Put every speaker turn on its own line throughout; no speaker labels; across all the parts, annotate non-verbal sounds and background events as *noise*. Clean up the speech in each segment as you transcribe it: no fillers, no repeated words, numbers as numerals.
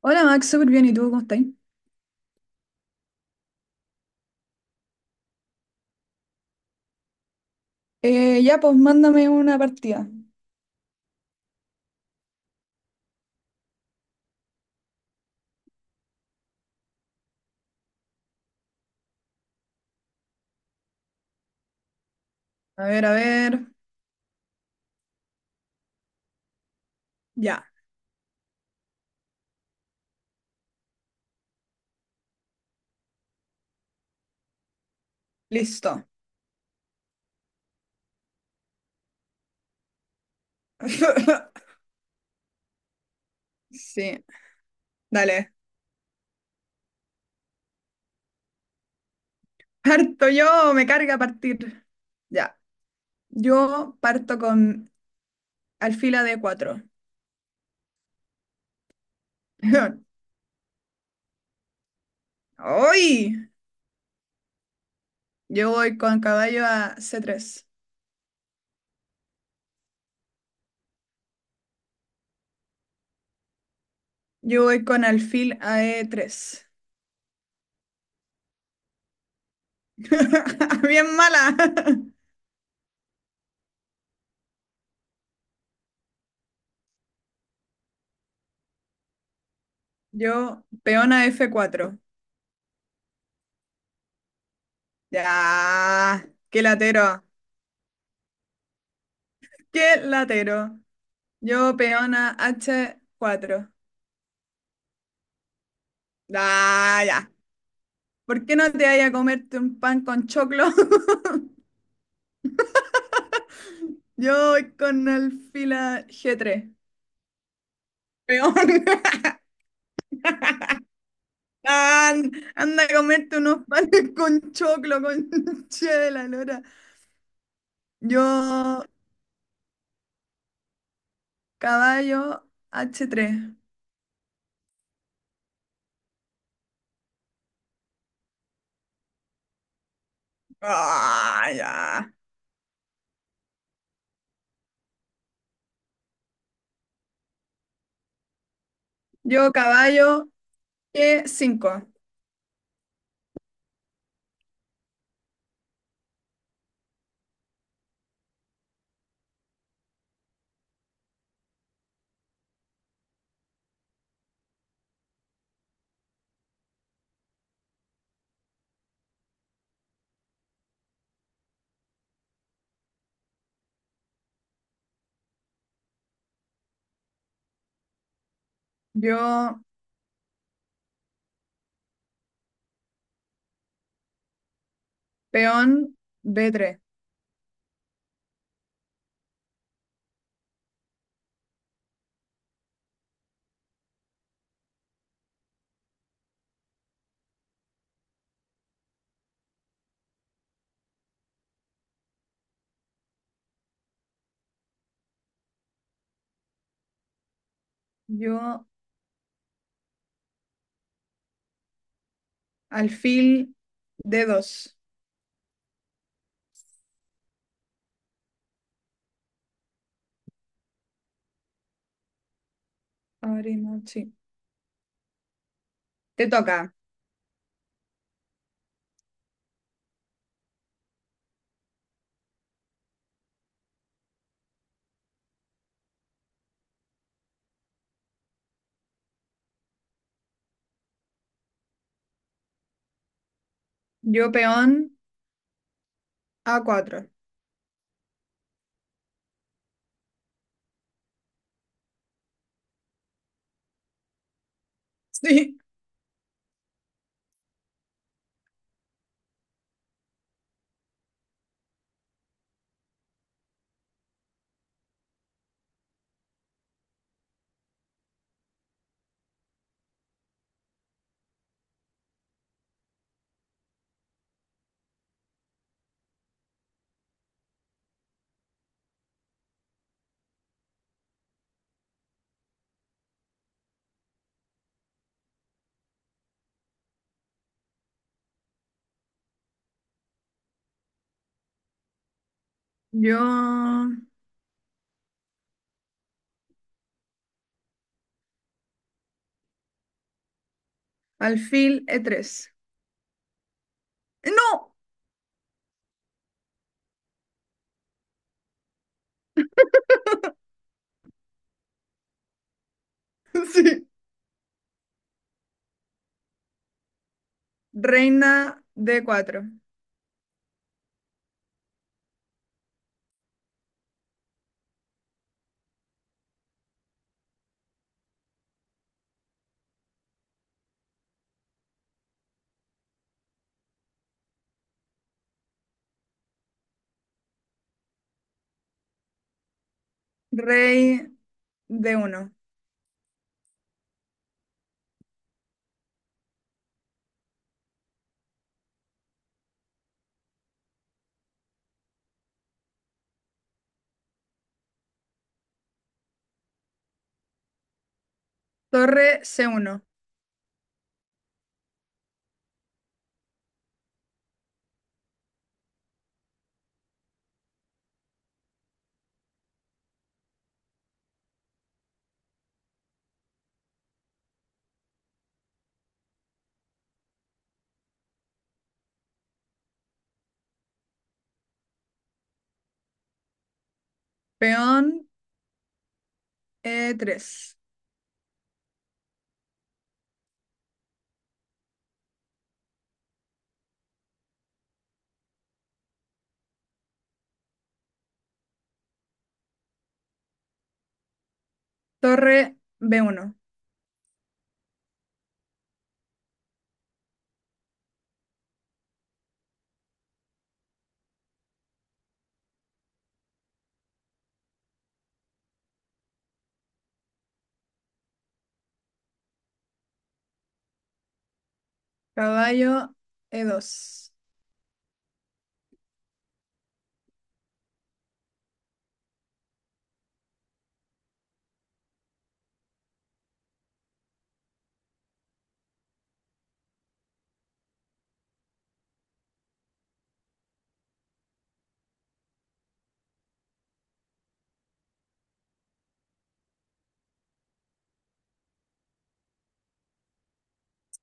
Hola Max, súper bien. ¿Y tú cómo estás? Ya, pues mándame una partida. A ver, a ver. Ya, listo. *laughs* Sí, dale. Parto yo, me carga partir. Ya, yo parto con alfila de cuatro. *laughs* ¡Uy! Yo voy con caballo a c tres. Yo voy con alfil a e tres. *laughs* Bien mala. *laughs* Yo, peón a f cuatro. Ya, qué latero. Qué latero. Yo, peona H4. Ah, ya. ¿Por qué no te vayas a comerte un pan con choclo? *laughs* Yo voy con el fila G3. Peón. *laughs* Anda a comerte unos panes con choclo, con che de la lora. Yo, caballo H3. Ah, ya. Yo, caballo G5. Yo, peón B3. Yo, alfil d dos. Abrimos, sí. Te toca. Yo peón a cuatro. *laughs* Sí. Yo alfil e tres. ¡No! *laughs* Sí. Reina d cuatro. Rey d uno. Torre c uno. Peón e tres. Torre b uno. Caballo e dos.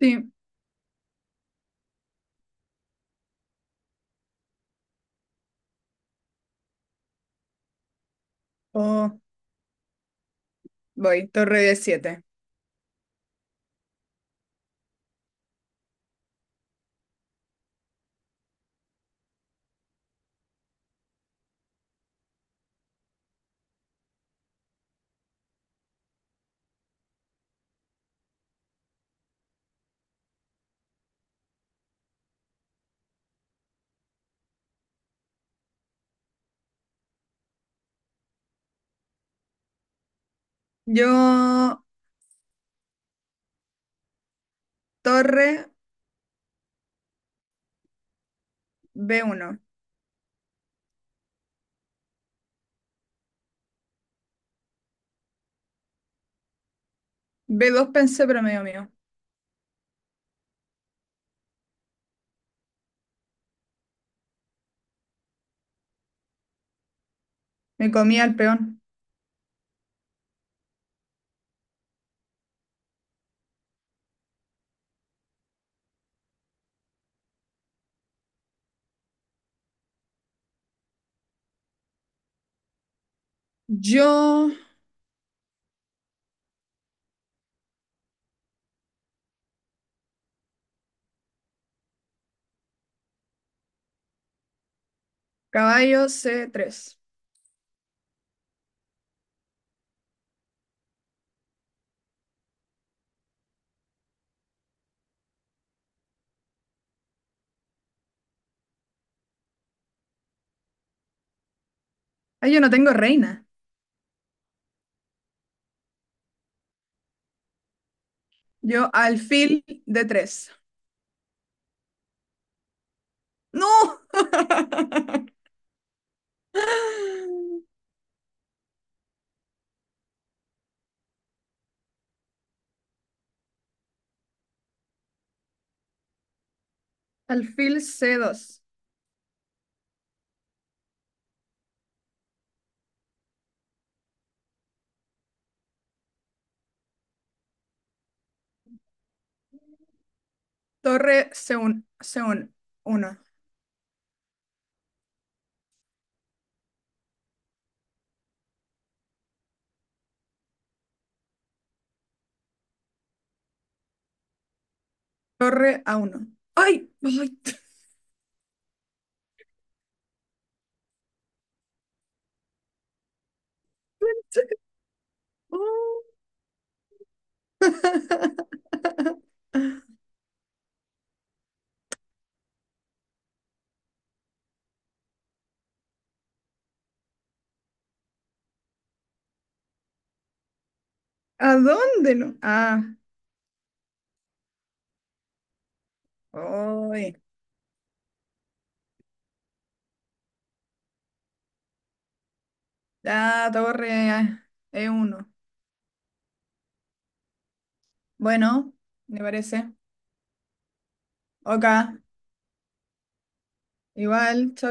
Sí. Oh, voy. Torre d siete. Yo torre b uno. B2 pensé, pero medio mío. Me comía el peón. Yo, caballo C3. Ay, yo no tengo reina. Yo, alfil d tres. ¡No! *laughs* Alfil C2. Torre C1. C1. Uno. Torre A1. ¡Ay! ¡Ay! *laughs* Oh. *laughs* ¿A dónde no? Ah, hoy. La torre e uno. Bueno, me parece. Oka, igual. Chao.